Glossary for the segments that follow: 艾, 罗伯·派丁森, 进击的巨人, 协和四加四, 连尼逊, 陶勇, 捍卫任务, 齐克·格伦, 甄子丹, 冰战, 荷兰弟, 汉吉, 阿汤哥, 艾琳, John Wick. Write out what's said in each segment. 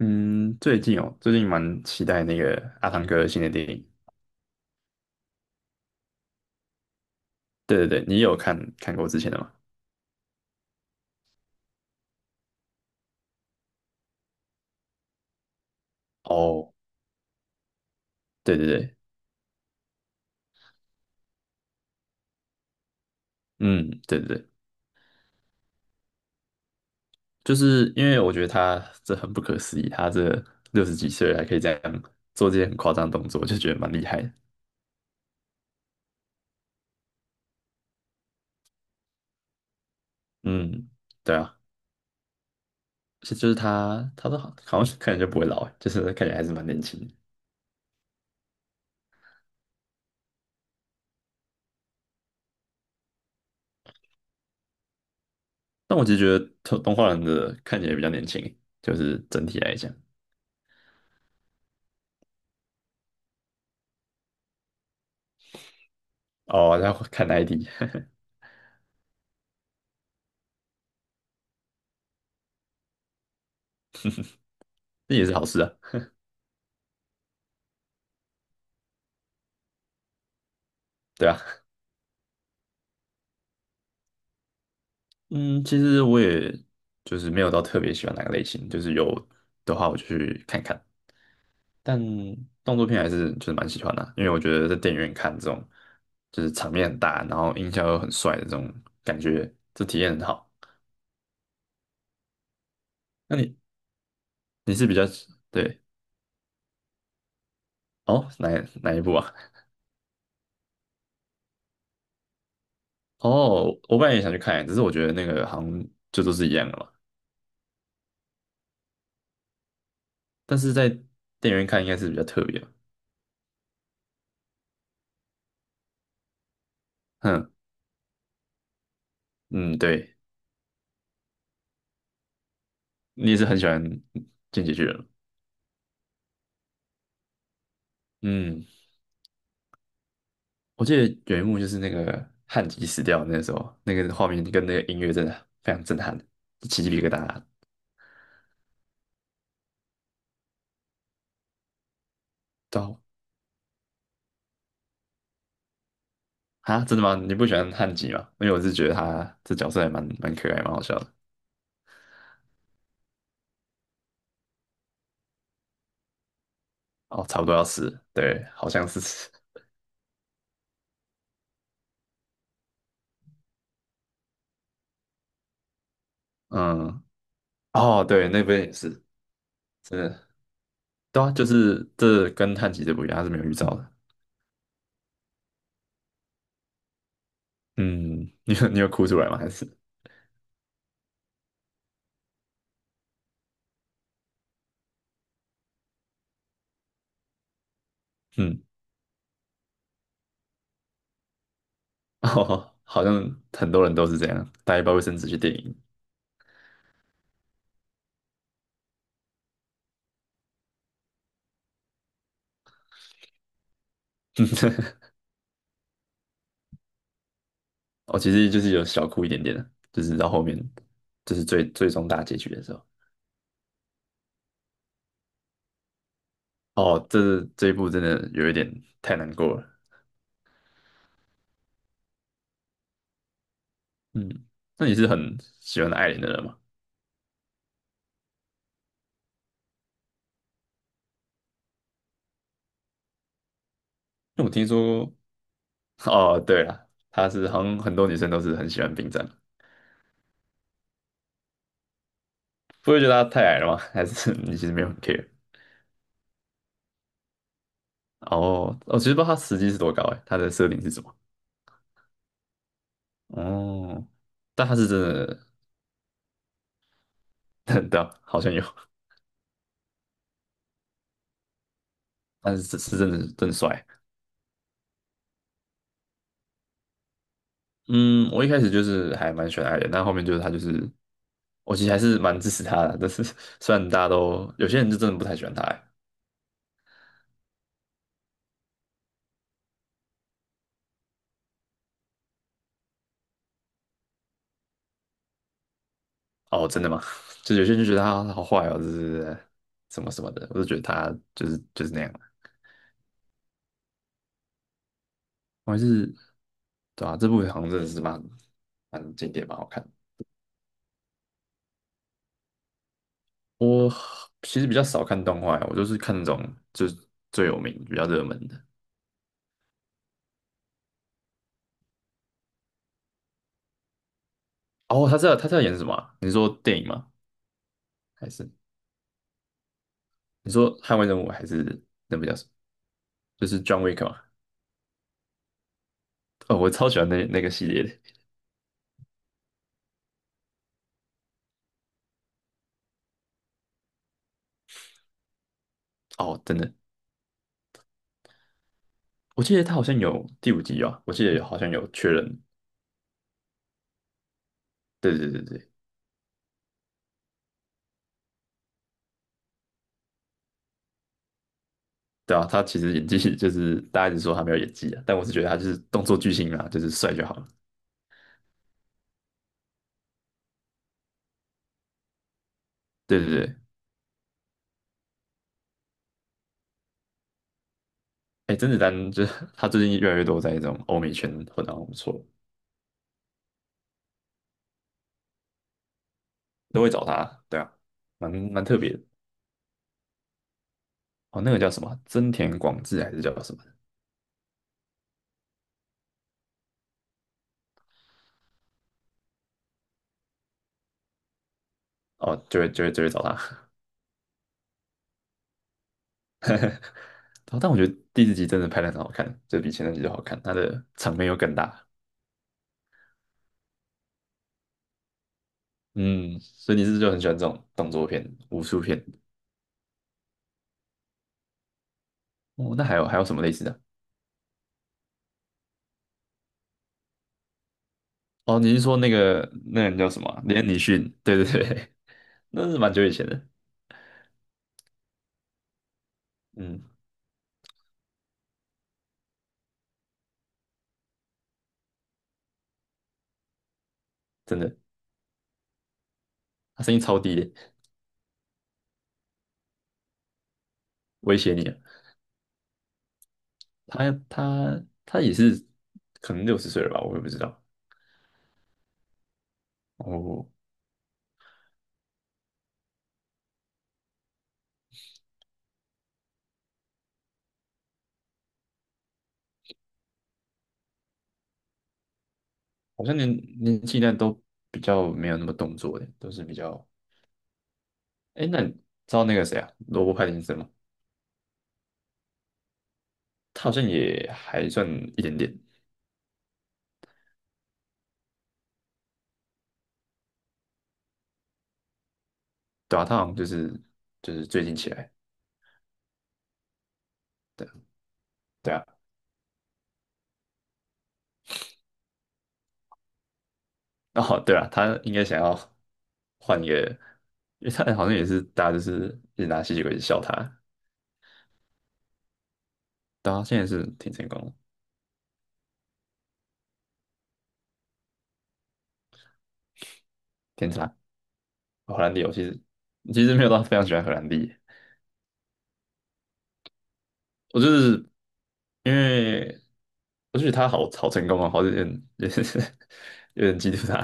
嗯，最近哦，最近蛮期待那个阿汤哥的新的电影。对对对，你有看过之前的吗？哦，对对对，嗯，对对对，就是因为我觉得他这很不可思议，他这60几岁了还可以这样做这些很夸张的动作，就觉得蛮厉害的。嗯，对啊，是就是他都好好像看起来就不会老欸，就是看起来还是蛮年轻的。但我其实觉得动画人的看起来比较年轻欸，就是整体来讲。哦，然后看 ID，那也是好事啊，对啊。嗯，其实我也就是没有到特别喜欢哪个类型，就是有的话我就去看看。但动作片还是就是蛮喜欢的啊，因为我觉得在电影院看这种就是场面很大，然后音效又很帅的这种感觉，这体验很好。那你是比较对哦哪一部啊？哦，我本来也想去看，只是我觉得那个好像就都是一样的嘛。但是在电影院看应该是比较特别吧。嗯嗯，对，你也是很喜欢《进击的巨人》吗？嗯。我记得有一幕就是那个汉吉死掉的那时候，那个画面跟那个音乐真的非常震撼，起鸡皮疙瘩。对啊，啊真的吗？你不喜欢汉吉吗？因为我是觉得他这角色还蛮可爱，蛮好笑的。哦，差不多要死了，对，好像是死。嗯，哦，对，那边也是，真的，对啊，就是这跟汉吉这不一样，他是没有预兆的。嗯，你有哭出来吗？还是嗯，哦，好像很多人都是这样，带一包卫生纸去电影。哦，其实就是有小哭一点点的，就是到后面，就是最最终大结局的时候。哦，这一部真的有一点太难过了。嗯，那你是很喜欢艾琳的人吗？因为我听说 哦，对了，她是好像很多女生都是很喜欢冰战，不会觉得她太矮了吗？还是 你其实没有很 care？哦，我其实不知道她实际是多高哎，她的设定是什么？哦，但她是真的，对啊，好像有，但是是是真的真的帅。嗯，我一开始就是还蛮喜欢艾的，但后面就是他就是，我其实还是蛮支持他的。但是虽然大家都有些人就真的不太喜欢他欸哦，真的吗？就有些人就觉得他好坏哦，就是什么什么的，我就觉得他就是那样。我还是对啊，这部好像真的是蛮经典，蛮好看。我其实比较少看动画欸，我就是看那种就是最有名、比较热门的。哦，他知道他在演什么啊你说电影吗？还是你说《捍卫任务》还是那部叫什么？就是 John Wick 嘛。哦，我超喜欢那个系列的。哦，真的，我记得他好像有第五集啊，我记得好像有确认。对对对对对啊，他其实演技 就是大家一直说他没有演技啊，但我是觉得他就是动作巨星啊，就是帅就好了。对对对，哎，甄子丹就是 他最近越来越多在这种欧美圈混得很不错，都会找他。对啊，蛮特别的。哦，那个叫什么啊？真田广志还是叫什么？哦，就会找他。但我觉得第四集真的拍的很好看，就比前三集都好看，他的场面又更大。嗯，所以你是不是就很喜欢这种动作片、武术片？哦，那还有还有什么类似的？哦，你是说那个那个人叫什么啊连尼逊？对对对，那是蛮久以前的。嗯，真的，他声音超低的，威胁你啊。他也是可能60岁了吧，我也不知道。哦，好像年纪呢都比较没有那么动作的，都是比较……哎，那你知道那个谁啊，罗伯·派丁森吗？他好像也还算一点点，对啊，他好像就是最近起来。对啊，哦，对啊，他应该想要换一个，因为他好像也是大家就是一直拿吸血鬼一直笑他，但他现在是挺成功的，天才。荷兰弟，我其实没有到非常喜欢荷兰弟，我就是因为我就觉得他好好成功啊，好像有点 有点嫉妒他，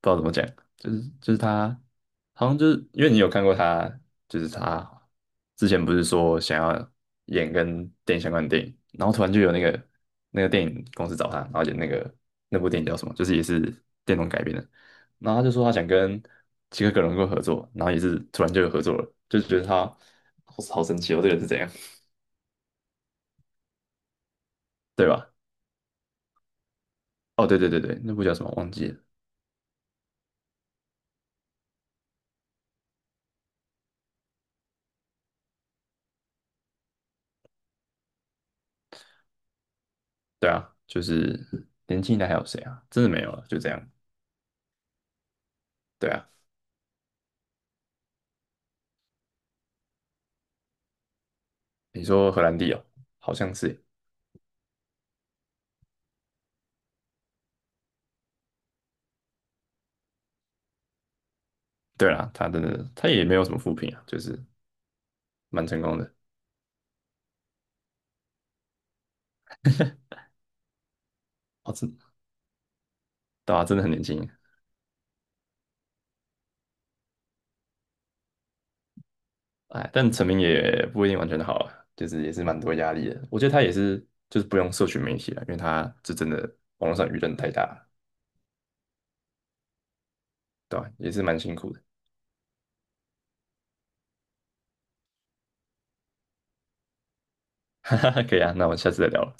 不知道怎么讲，就是他好像就是因为你有看过他，就是他之前不是说想要演跟电影相关的电影，然后突然就有那个电影公司找他，然后演那个那部电影叫什么，就是也是电动改编的，然后他就说他想跟齐克·格伦够合作，然后也是突然就有合作了，就觉得他好好神奇哦，这个人是怎样，对吧？哦，对对对对，那部叫什么忘记了？对啊，就是年轻一代还有谁啊？真的没有了，就这样。对啊，你说荷兰弟哦，好像是。对啦，他真的他也没有什么负评啊，就是蛮成功的。哦，真对啊，真的很年轻。哎，但成名也不一定完全的好啊，就是也是蛮多压力的。我觉得他也是就是不用社群媒体了，因为他这真的网络上舆论太大了，对吧、也是蛮辛苦的。哈哈，可以啊，那我们下次再聊了。